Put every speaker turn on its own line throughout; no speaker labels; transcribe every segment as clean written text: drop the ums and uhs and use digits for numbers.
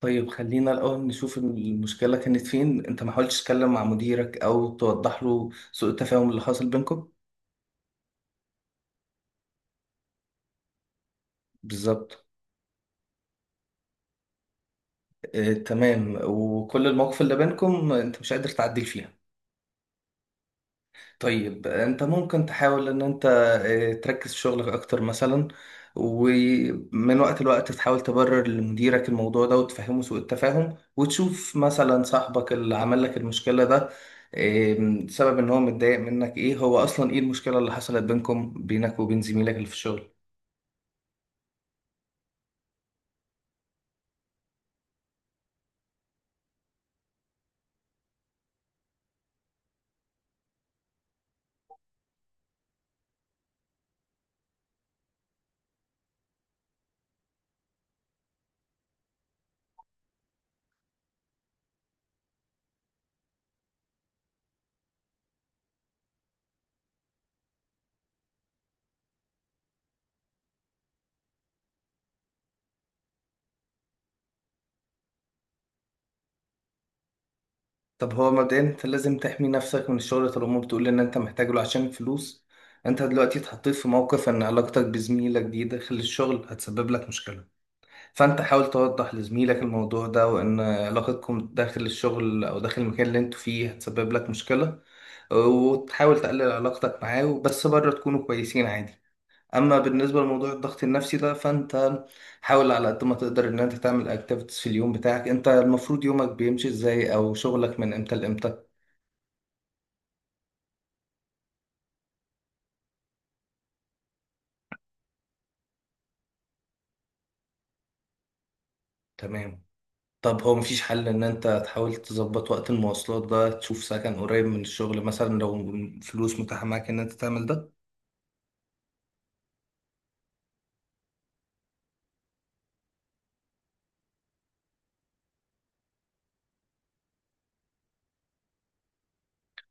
طيب، خلينا الأول نشوف المشكلة كانت فين. أنت ما حاولتش تتكلم مع مديرك أو توضح له سوء التفاهم اللي حاصل بينكم؟ بالظبط. آه، تمام. وكل المواقف اللي بينكم أنت مش قادر تعدل فيها؟ طيب، انت ممكن تحاول ان انت تركز في شغلك اكتر مثلا. ومن وقت لوقت تحاول تبرر لمديرك الموضوع ده وتفهمه سوء التفاهم، وتشوف مثلا صاحبك اللي عمل لك المشكلة ده سبب ان هو متضايق منك ايه. هو اصلا ايه المشكلة اللي حصلت بينكم، بينك وبين زميلك اللي في الشغل؟ طب هو مبدئيا انت لازم تحمي نفسك من الشغل طالما بتقول ان انت محتاج له عشان الفلوس. انت دلوقتي اتحطيت في موقف ان علاقتك بزميلك دي داخل الشغل هتسبب لك مشكلة. فانت حاول توضح لزميلك الموضوع ده، وان علاقتكم داخل الشغل او داخل المكان اللي انتوا فيه هتسبب لك مشكلة، وتحاول تقلل علاقتك معاه، بس بره تكونوا كويسين عادي. اما بالنسبة لموضوع الضغط النفسي ده، فانت حاول على قد ما تقدر ان انت تعمل اكتيفيتيز في اليوم بتاعك. انت المفروض يومك بيمشي ازاي، او شغلك من امتى لامتى؟ تمام. طب هو مفيش حل ان انت تحاول تظبط وقت المواصلات ده، تشوف سكن قريب من الشغل مثلا لو فلوس متاحة معاك ان انت تعمل ده؟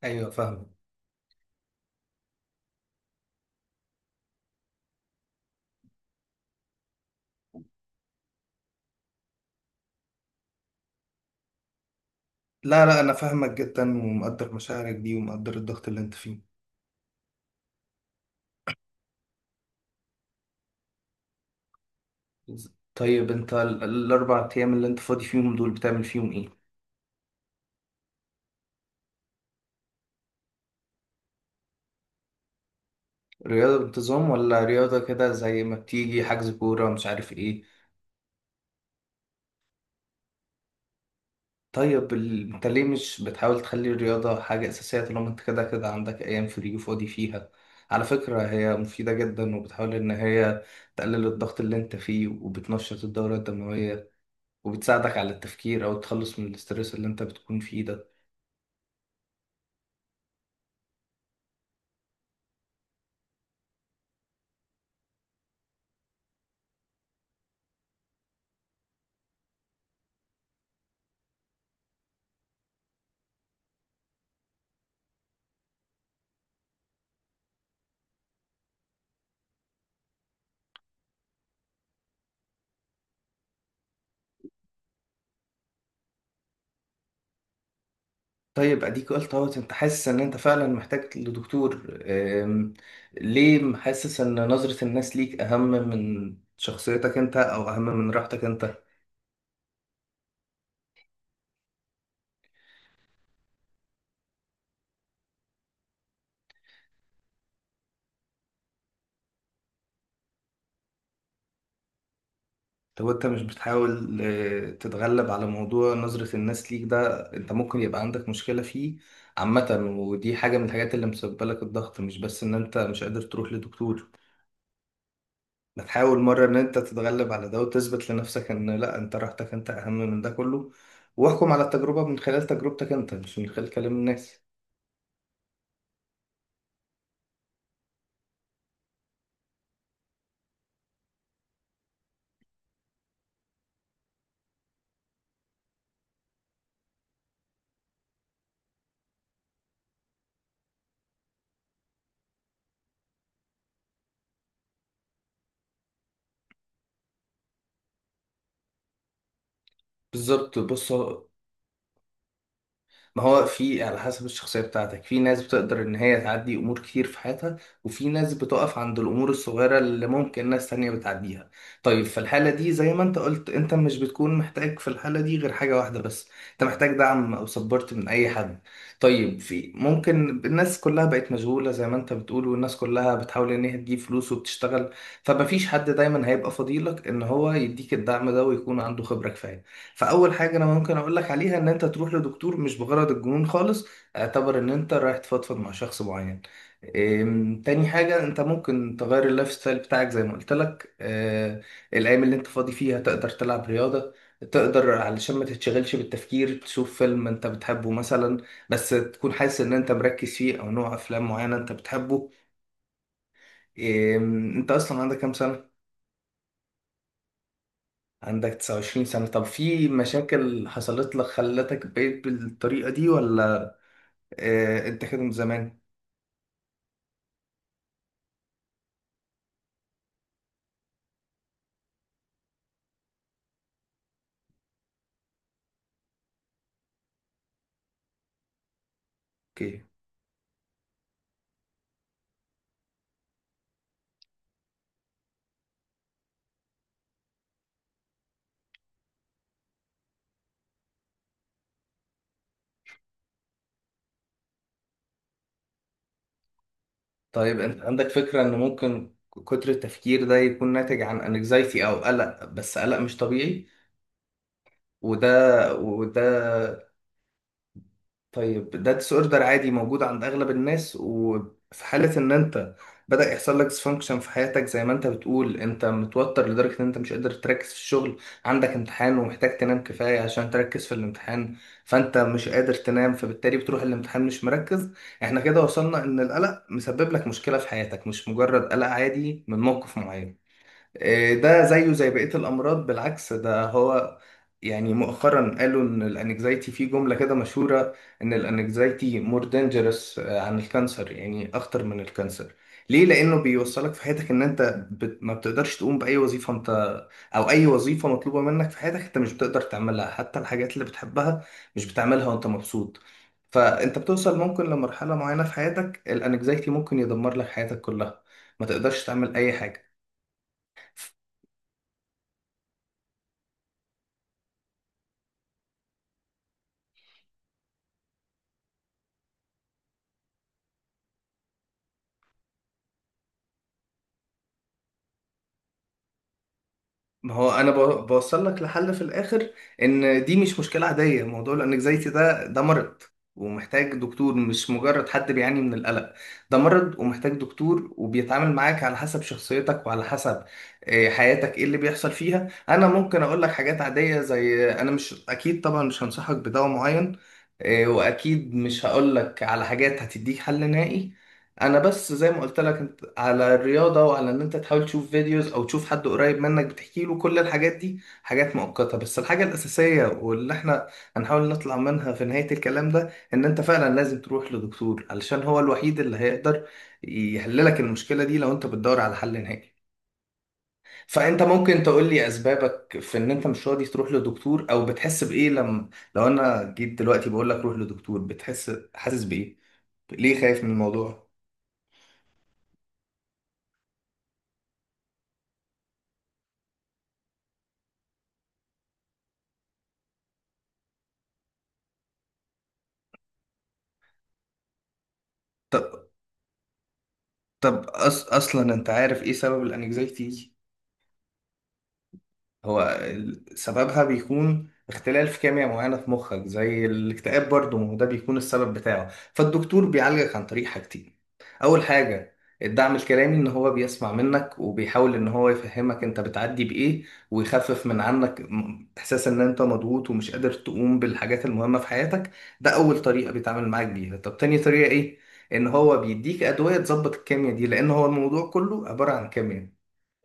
ايوه، فاهم. لا لا، انا فاهمك جدا ومقدر مشاعرك دي، ومقدر الضغط اللي انت فيه. طيب انت الاربع ايام اللي انت فاضي فيهم دول بتعمل فيهم ايه؟ رياضة بانتظام، ولا رياضة كده زي ما بتيجي حجز كورة مش عارف ايه؟ طيب انت ليه مش بتحاول تخلي الرياضة حاجة اساسية طالما انت كده كده عندك ايام فري وفاضي فيها؟ على فكرة هي مفيدة جدا، وبتحاول ان هي تقلل الضغط اللي انت فيه، وبتنشط الدورة الدموية، وبتساعدك على التفكير او تخلص من الاسترس اللي انت بتكون فيه ده. طيب اديك قلت اهوت انت حاسس ان انت فعلا محتاج لدكتور. ليه حاسس ان نظرة الناس ليك اهم من شخصيتك انت او اهم من راحتك انت؟ طب انت مش بتحاول تتغلب على موضوع نظرة الناس ليك ده؟ انت ممكن يبقى عندك مشكلة فيه عامة، ودي حاجة من الحاجات اللي مسببة لك الضغط، مش بس ان انت مش قادر تروح لدكتور. بتحاول مرة إن أنت تتغلب على ده وتثبت لنفسك إن لأ، أنت راحتك أنت أهم من ده كله. واحكم على التجربة من خلال تجربتك أنت، مش من خلال كلام الناس. بالظبط. بص، ما هو في على حسب الشخصية بتاعتك. في ناس بتقدر إن هي تعدي أمور كتير في حياتها، وفي ناس بتقف عند الأمور الصغيرة اللي ممكن ناس تانية بتعديها. طيب في الحالة دي زي ما أنت قلت، أنت مش بتكون محتاج في الحالة دي غير حاجة واحدة بس، أنت محتاج دعم أو سبورت من أي حد. طيب في ممكن الناس كلها بقت مشغولة زي ما أنت بتقول، والناس كلها بتحاول إن هي تجيب فلوس وبتشتغل، فمفيش حد دايما هيبقى فضيلك إن هو يديك الدعم ده ويكون عنده خبرة كفاية. فاول حاجه انا ممكن اقول لك عليها ان انت تروح لدكتور، مش بغرض الجنون خالص، اعتبر ان انت رايح تفضفض مع شخص معين. تاني حاجة انت ممكن تغير اللايف ستايل بتاعك زي ما قلت لك. أه، الايام اللي انت فاضي فيها تقدر تلعب رياضة، تقدر علشان ما تتشغلش بالتفكير تشوف فيلم انت بتحبه مثلا، بس تكون حاسس ان انت مركز فيه، او نوع افلام معينة انت بتحبه. انت اصلا عندك كام سنة؟ عندك 29 سنة. طب في مشاكل حصلت لك خلتك بقيت بالطريقة دي، ولا انت كده من زمان؟ اوكي. طيب انت عندك فكرة ان ممكن كتر التفكير ده يكون ناتج عن انكزايتي او قلق، بس قلق مش طبيعي؟ وده وده. طيب ده ديس اوردر عادي موجود عند اغلب الناس، وفي حالة ان انت بدأ يحصل لك ديسفانكشن في حياتك زي ما انت بتقول، انت متوتر لدرجة ان انت مش قادر تركز في الشغل، عندك امتحان ومحتاج تنام كفاية عشان تركز في الامتحان، فانت مش قادر تنام، فبالتالي بتروح الامتحان مش مركز. احنا كده وصلنا ان القلق مسبب لك مشكلة في حياتك، مش مجرد قلق عادي من موقف معين. إيه ده زيه زي بقية الأمراض، بالعكس ده هو. يعني مؤخرا قالوا إن الأنكزايتي، في جملة كده مشهورة، إن الأنكزايتي مور دينجرس عن الكانسر، يعني أخطر من الكانسر. ليه؟ لأنه بيوصلك في حياتك إن أنت ما بتقدرش تقوم بأي وظيفة أنت، أو أي وظيفة مطلوبة منك في حياتك أنت مش بتقدر تعملها، حتى الحاجات اللي بتحبها مش بتعملها وأنت مبسوط. فأنت بتوصل ممكن لمرحلة معينة في حياتك، الأنكزايتي ممكن يدمر لك حياتك كلها، ما تقدرش تعمل أي حاجة. ما هو انا بوصل لك لحل في الاخر، ان دي مش مشكله عاديه، موضوع الانكزايتي ده مرض ومحتاج دكتور، مش مجرد حد بيعاني من القلق. ده مرض ومحتاج دكتور، وبيتعامل معاك على حسب شخصيتك وعلى حسب حياتك ايه اللي بيحصل فيها. انا ممكن اقول لك حاجات عاديه، زي انا مش اكيد طبعا مش هنصحك بدواء معين، واكيد مش هقول لك على حاجات هتديك حل نهائي، انا بس زي ما قلت لك على الرياضة، وعلى ان انت تحاول تشوف فيديوز او تشوف حد قريب منك بتحكي له. كل الحاجات دي حاجات مؤقتة، بس الحاجة الأساسية واللي احنا هنحاول نطلع منها في نهاية الكلام ده، ان انت فعلا لازم تروح لدكتور، علشان هو الوحيد اللي هيقدر يحللك المشكلة دي لو انت بتدور على حل نهائي. فانت ممكن تقول لي اسبابك في ان انت مش راضي تروح لدكتور، او بتحس بايه لما، لو انا جيت دلوقتي بقول لك روح لدكتور بتحس حاسس بايه، ليه خايف من الموضوع؟ طب اصلا انت عارف ايه سبب الانكزايتي؟ هو سببها بيكون اختلال في كيمياء معينة في مخك، زي الاكتئاب برضه ما هو ده بيكون السبب بتاعه. فالدكتور بيعالجك عن طريق حاجتين. أول حاجة، الدعم الكلامي، إن هو بيسمع منك وبيحاول إن هو يفهمك أنت بتعدي بإيه، ويخفف من عنك إحساس إن أنت مضغوط ومش قادر تقوم بالحاجات المهمة في حياتك. ده أول طريقة بيتعامل معاك بيها. طب تاني طريقة إيه؟ إن هو بيديك أدوية تظبط الكيمياء دي، لأن هو الموضوع كله عبارة عن كيمياء.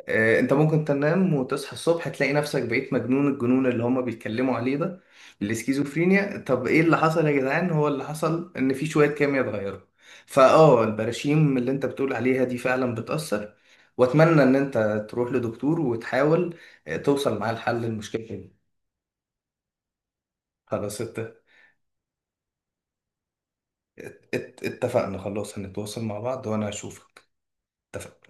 انت ممكن تنام وتصحى الصبح تلاقي نفسك بقيت مجنون، الجنون اللي هما بيتكلموا عليه ده الاسكيزوفرينيا. طب ايه اللي حصل يا جدعان؟ هو اللي حصل ان في شوية كيمياء اتغيروا. فاه، البراشيم اللي انت بتقول عليها دي فعلا بتأثر. واتمنى ان انت تروح لدكتور وتحاول توصل معاه لحل المشكلة دي. خلاص، اتفقنا، خلاص، هنتواصل مع بعض وانا هشوفك. اتفقنا.